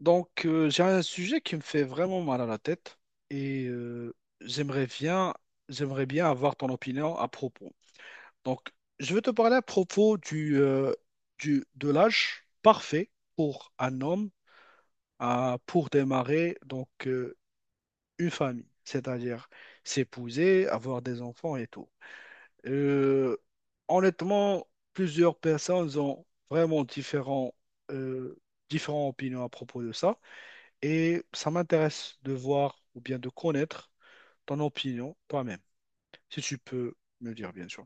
J'ai un sujet qui me fait vraiment mal à la tête et euh, j'aimerais bien, j'aimerais bien avoir ton opinion à propos. Donc, je vais te parler à propos de l'âge parfait pour un homme pour démarrer une famille, c'est-à-dire s'épouser, avoir des enfants et tout. Euh, Honnêtement, plusieurs personnes ont vraiment euh, différentes opinions à propos de ça. Et ça m'intéresse de voir ou bien de connaître ton opinion toi-même, si tu peux me dire, bien sûr.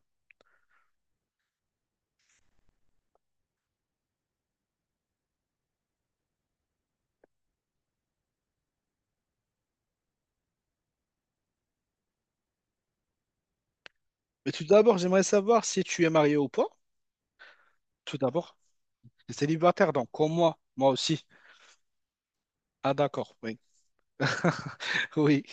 Mais tout d'abord, j'aimerais savoir si tu es marié ou pas. Tout d'abord, tu es célibataire, donc comme moi, moi aussi. Ah, d'accord, oui. Oui.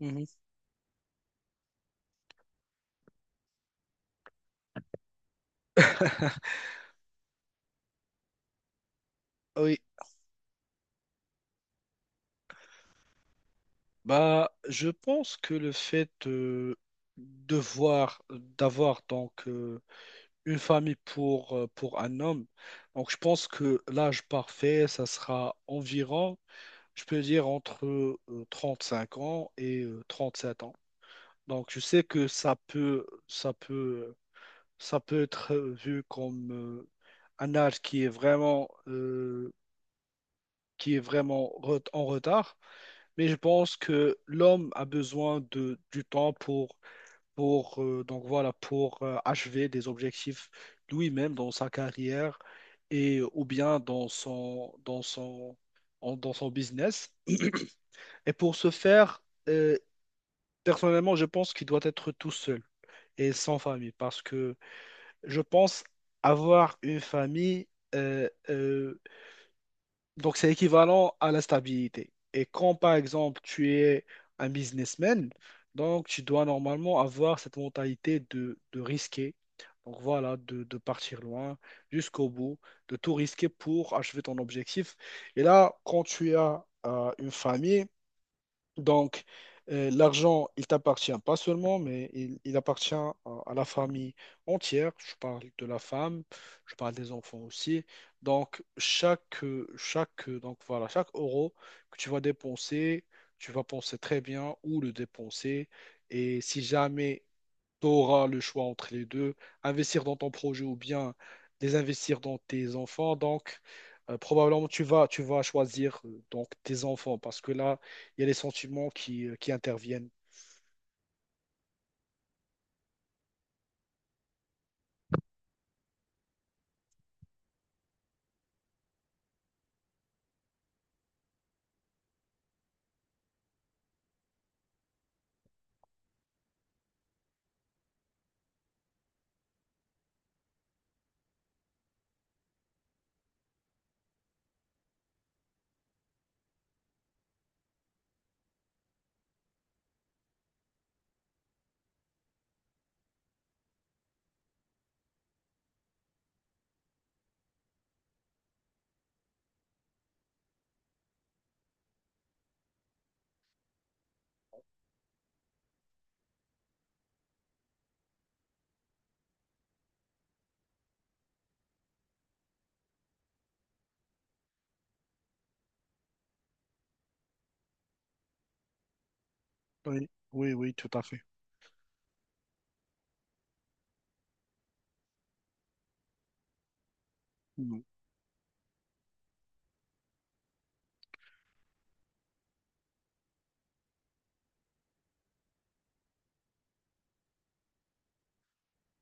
Mhm. Oui. Bah, je pense que le fait de voir, d'avoir une famille pour un homme, donc je pense que l'âge parfait, ça sera environ, je peux dire, entre cinq ans et sept ans. Donc je sais que ça peut être vu comme un âge qui est vraiment qui est vraiment en retard, mais je pense que l'homme a besoin du temps pour achever des objectifs lui-même dans sa carrière et, ou bien dans son business. Et pour ce faire, euh, personnellement, je pense qu'il doit être tout seul et sans famille parce que je pense avoir une famille, euh, euh, donc, c'est équivalent à la stabilité. Et quand, par exemple, tu es un businessman, donc tu dois normalement avoir cette mentalité de risquer. Donc, voilà, de partir loin jusqu'au bout, de tout risquer pour achever ton objectif. Et là, quand tu as une famille, donc, l'argent, il t'appartient pas seulement, mais il appartient à la famille entière. Je parle de la femme, je parle des enfants aussi. Donc, chaque euro que tu vas dépenser, tu vas penser très bien où le dépenser. Et si jamais tu auras le choix entre les deux, investir dans ton projet ou bien les investir dans tes enfants. Donc, probablement, tu vas choisir donc tes enfants parce que là, il y a les sentiments qui qui interviennent. Oui, oui, oui, tout à fait. Mm.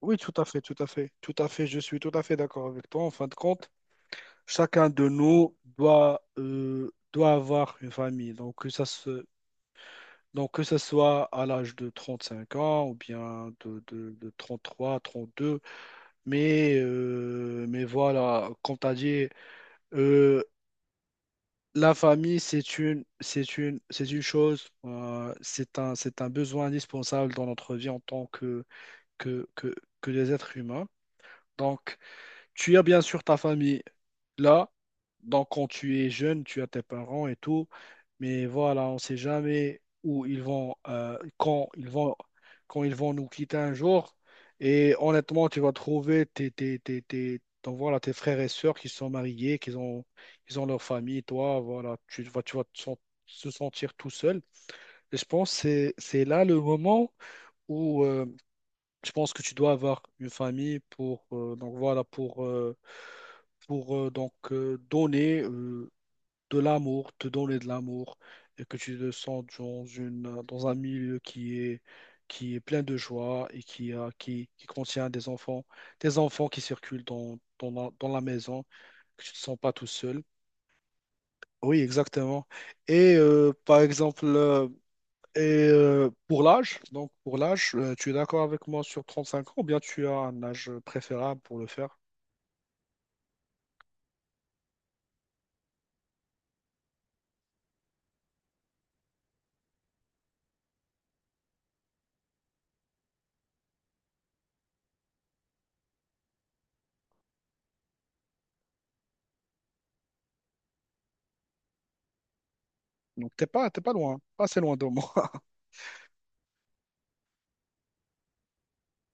Oui, tout à fait, tout à fait, tout à fait. Je suis tout à fait d'accord avec toi. En fin de compte, chacun de nous doit, doit avoir une famille. Donc, donc, que ça soit à l'âge de 35 ans ou bien de 33, 32. Mais voilà, comme tu as dit, euh, la famille, c'est une, c'est une chose, c'est un besoin indispensable dans notre vie en tant que, que, que des êtres humains. Donc, tu as bien sûr ta famille là. Donc, quand tu es jeune, tu as tes parents et tout. Mais voilà, on ne sait jamais où ils vont, quand ils vont nous quitter un jour. Et honnêtement, tu vas trouver voilà, tes frères et sœurs qui sont mariés, qui ont, ils ont leur famille. Toi, voilà, tu vas te sen- se sentir tout seul. Et je pense que c'est là le moment où. Je pense que tu dois avoir une famille pour donc voilà pour donc donner de l'amour, te donner de l'amour et que tu te sens dans une dans un milieu qui est plein de joie et qui contient des enfants qui circulent dans la maison, que tu te sens pas tout seul. Oui, exactement. Et par exemple et pour l'âge, donc pour l'âge, tu es d'accord avec moi sur 35 ans ou bien tu as un âge préférable pour le faire? Donc t'es pas loin, pas assez loin de moi.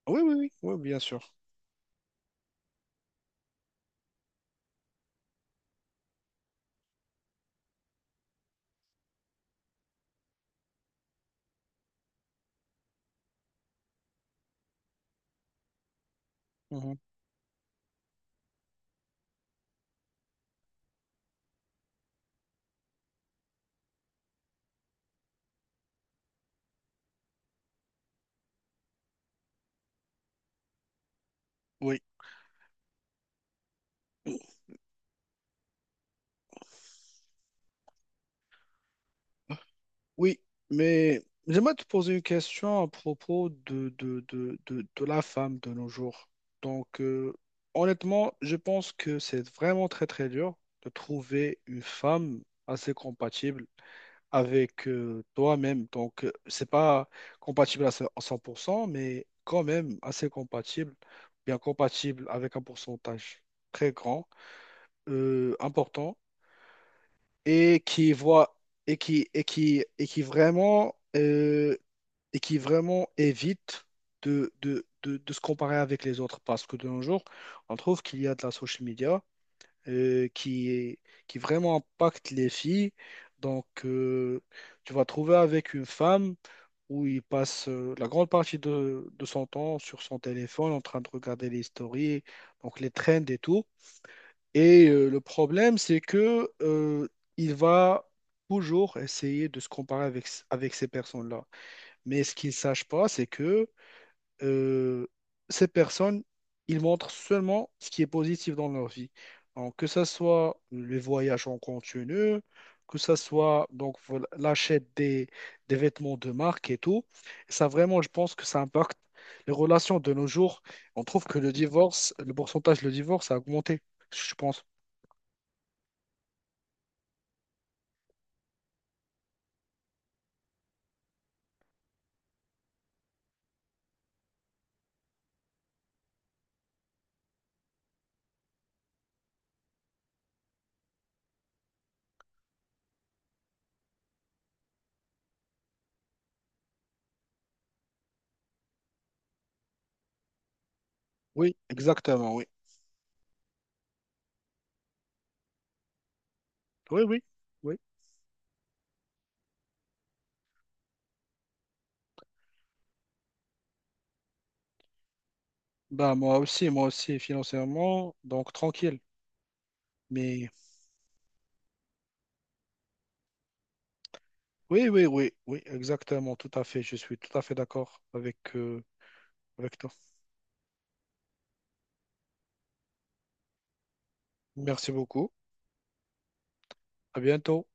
Oui, oui, oui, oui, bien sûr. Mhm. Oui. Oui, mais j'aimerais te poser une question à propos de la femme de nos jours. Donc, euh, Honnêtement, je pense que c'est vraiment très, très dur de trouver une femme assez compatible avec toi-même. Donc, c'est pas à 100%, mais quand même assez compatible, bien compatible avec un pourcentage très grand, important, et qui voit et qui, et qui, et qui vraiment... euh, et qui vraiment évite de se comparer avec les autres. Parce que de nos jours, on trouve qu'il y a de la social media euh, qui est- qui vraiment impacte les filles. Donc, tu vas trouver avec une femme où il passe la grande partie de son temps sur son téléphone en train de regarder les stories, donc les trends et tout. Et le problème, c'est que il va toujours essayer de se comparer avec, avec ces personnes-là. Mais ce qu'il ne sache pas, c'est que euh, ces personnes, ils montrent seulement ce qui est positif dans leur vie. Donc, que ce soit les voyages en continu, que ce soit donc voilà, des vêtements de marque et tout, ça vraiment, je pense que ça impacte les relations de nos jours. On trouve que le divorce, le pourcentage de divorce a augmenté, je pense. Oui, exactement, oui. Oui, oui, oui. Bah, moi aussi, financièrement, donc tranquille. Mais oui, oui, oui, oui, exactement, tout à fait. Je suis tout à fait d'accord avec avec toi. Merci beaucoup. À bientôt.